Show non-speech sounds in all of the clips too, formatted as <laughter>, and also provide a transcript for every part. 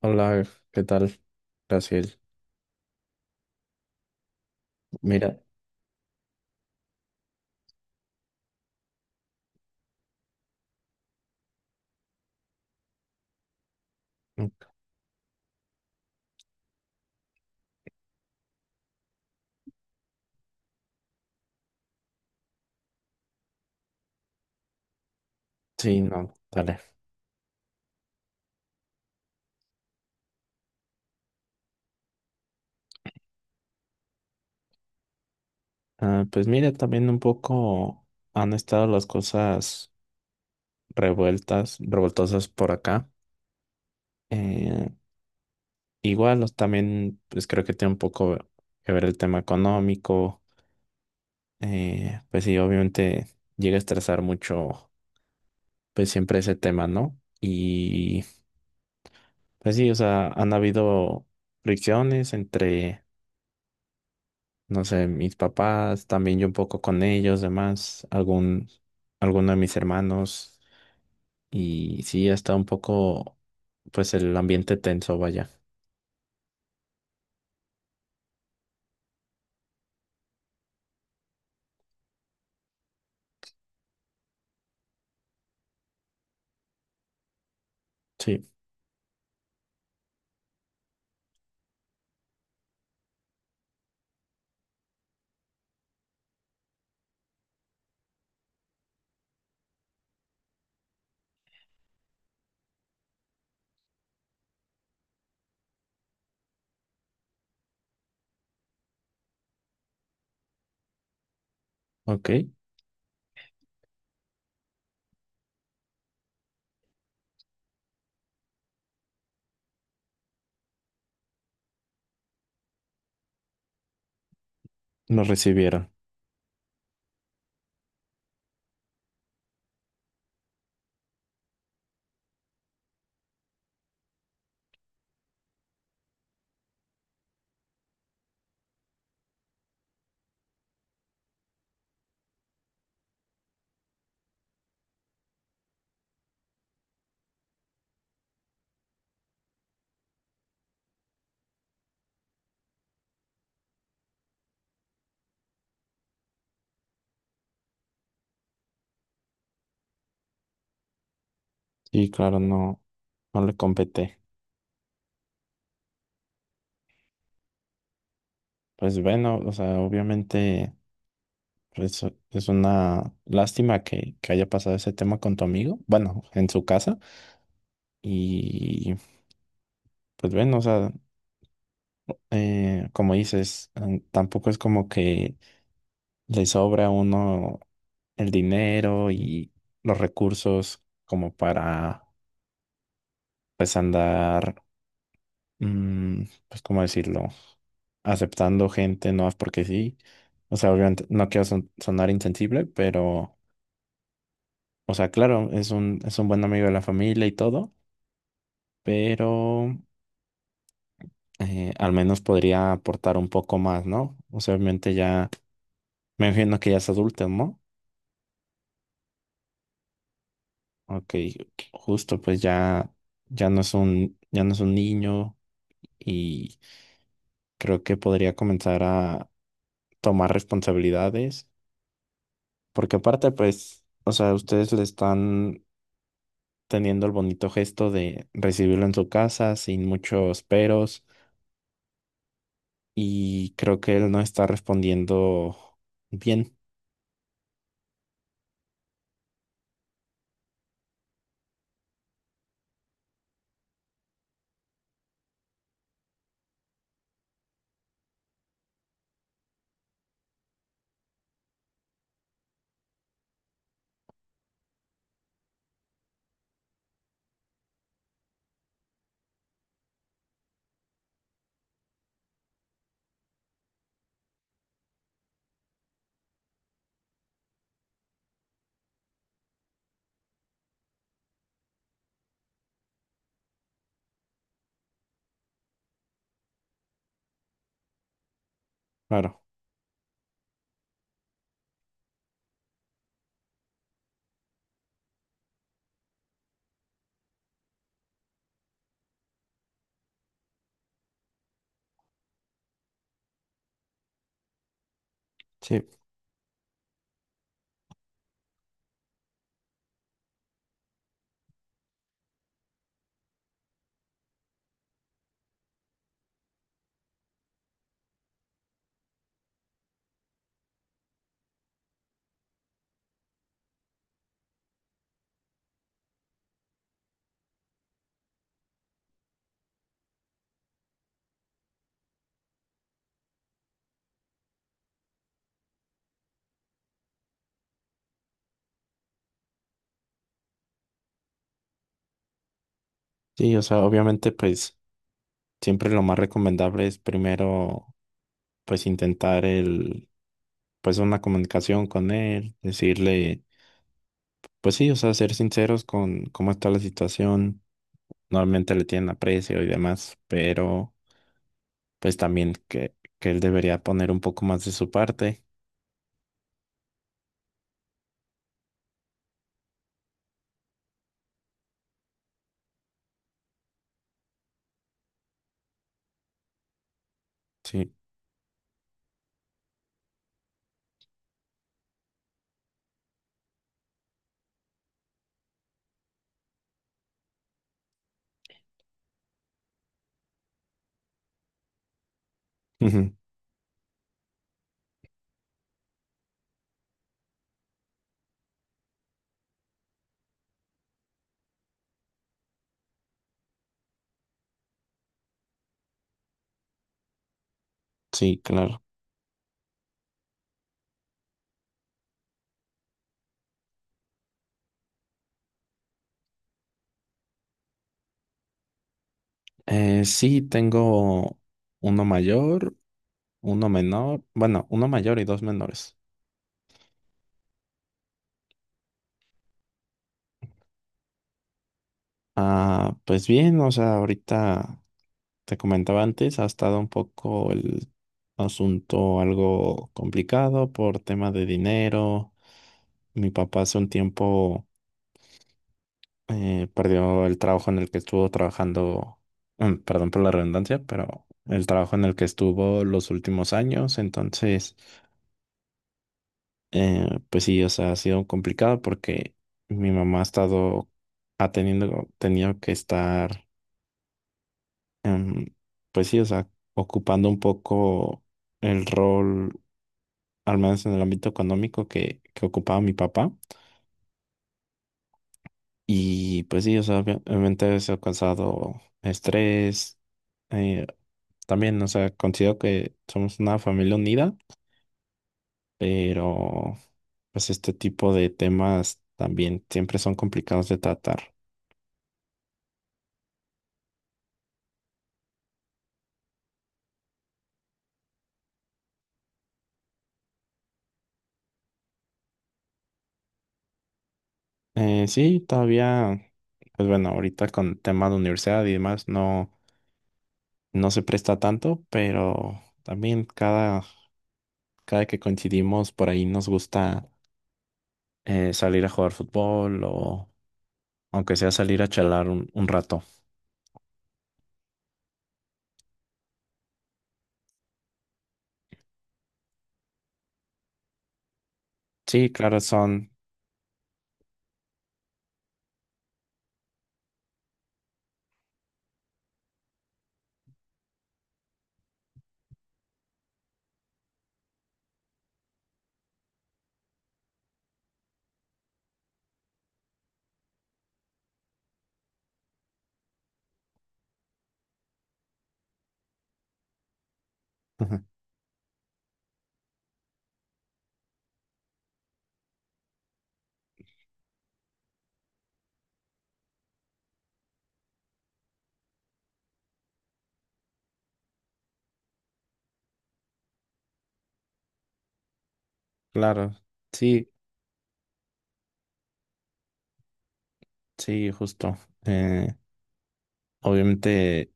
Hola, ¿qué tal, Brasil? Mira, mm, sí, no, dale. Pues mira, también un poco han estado las cosas revueltas, revoltosas por acá. Eh, igual, también, pues creo que tiene un poco que ver el tema económico. Pues sí, obviamente llega a estresar mucho, pues siempre ese tema, ¿no? Y pues sí, o sea, han habido fricciones entre... no sé, mis papás, también yo un poco con ellos, demás, alguno de mis hermanos. Y sí, está un poco, pues el ambiente tenso, vaya. Sí, ok, nos recibieron. Y claro, no, no le competé. Pues bueno, o sea, obviamente pues, es una lástima que haya pasado ese tema con tu amigo, bueno, en su casa. Y pues bueno, o sea, como dices, tampoco es como que le sobra a uno el dinero y los recursos como para pues andar, mm, pues cómo decirlo, aceptando gente no es porque sí. O sea, obviamente no quiero sonar insensible, pero, o sea, claro, es un buen amigo de la familia y todo, pero al menos podría aportar un poco más, ¿no? O sea, obviamente ya, me imagino que ya es adulto, ¿no? Ok, justo, pues ya, ya no es un niño y creo que podría comenzar a tomar responsabilidades, porque aparte, pues, o sea, ustedes le están teniendo el bonito gesto de recibirlo en su casa sin muchos peros y creo que él no está respondiendo bien, claro. Sí, sí, o sea, obviamente, pues, siempre lo más recomendable es primero, pues, intentar pues, una comunicación con él, decirle, pues sí, o sea, ser sinceros con cómo está la situación normalmente le tienen aprecio y demás, pero pues también que él debería poner un poco más de su parte. Sí, ujú. Sí, claro. Sí, tengo uno mayor, uno menor, bueno, uno mayor y dos menores. Ah, pues bien, o sea, ahorita te comentaba antes, ha estado un poco el asunto algo complicado por tema de dinero. Mi papá hace un tiempo perdió el trabajo en el que estuvo trabajando, perdón por la redundancia, pero el trabajo en el que estuvo los últimos años, entonces, pues sí, o sea, ha sido complicado porque mi mamá ha estado, tenido que estar, em, pues sí, o sea, ocupando un poco el rol, al menos en el ámbito económico que ocupaba mi papá. Y pues sí, o sea, obviamente eso ha causado estrés. eh, también, o sea, considero que somos una familia unida, pero pues este tipo de temas también siempre son complicados de tratar. Sí, todavía, pues bueno, ahorita con el tema de universidad y demás no se presta tanto, pero también cada que coincidimos por ahí nos gusta salir a jugar fútbol o aunque sea salir a chalar un rato. Sí, claro, son, ujú, claro, sí, sí, justo. Eh, obviamente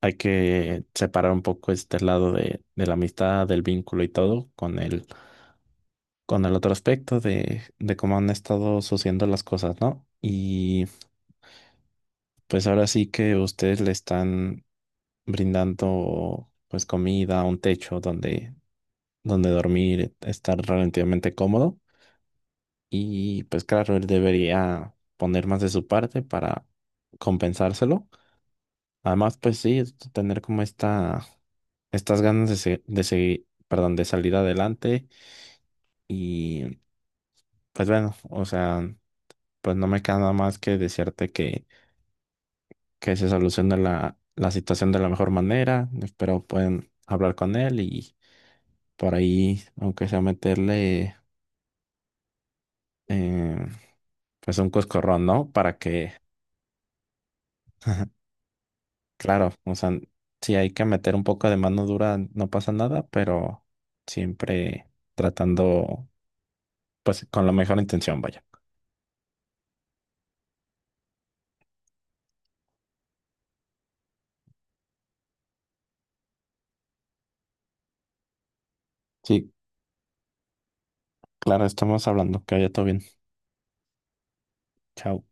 hay que separar un poco este lado de la amistad, del vínculo y todo con el otro aspecto de cómo han estado sucediendo las cosas, ¿no? Y pues ahora sí que ustedes le están brindando pues comida, un techo donde dormir, estar relativamente cómodo. Y pues claro, él debería poner más de su parte para compensárselo. Además, pues sí, es tener como estas ganas de, de seguir, perdón, de salir adelante. Y pues bueno, o sea, pues no me queda nada más que desearte que se solucione la situación de la mejor manera. Espero puedan hablar con él y por ahí, aunque sea meterle eh, pues un coscorrón, ¿no? Para que <laughs> Claro, o sea, si hay que meter un poco de mano dura, no pasa nada, pero siempre tratando, pues, con la mejor intención, vaya. Sí, claro, estamos hablando. Que vaya todo bien. Chao.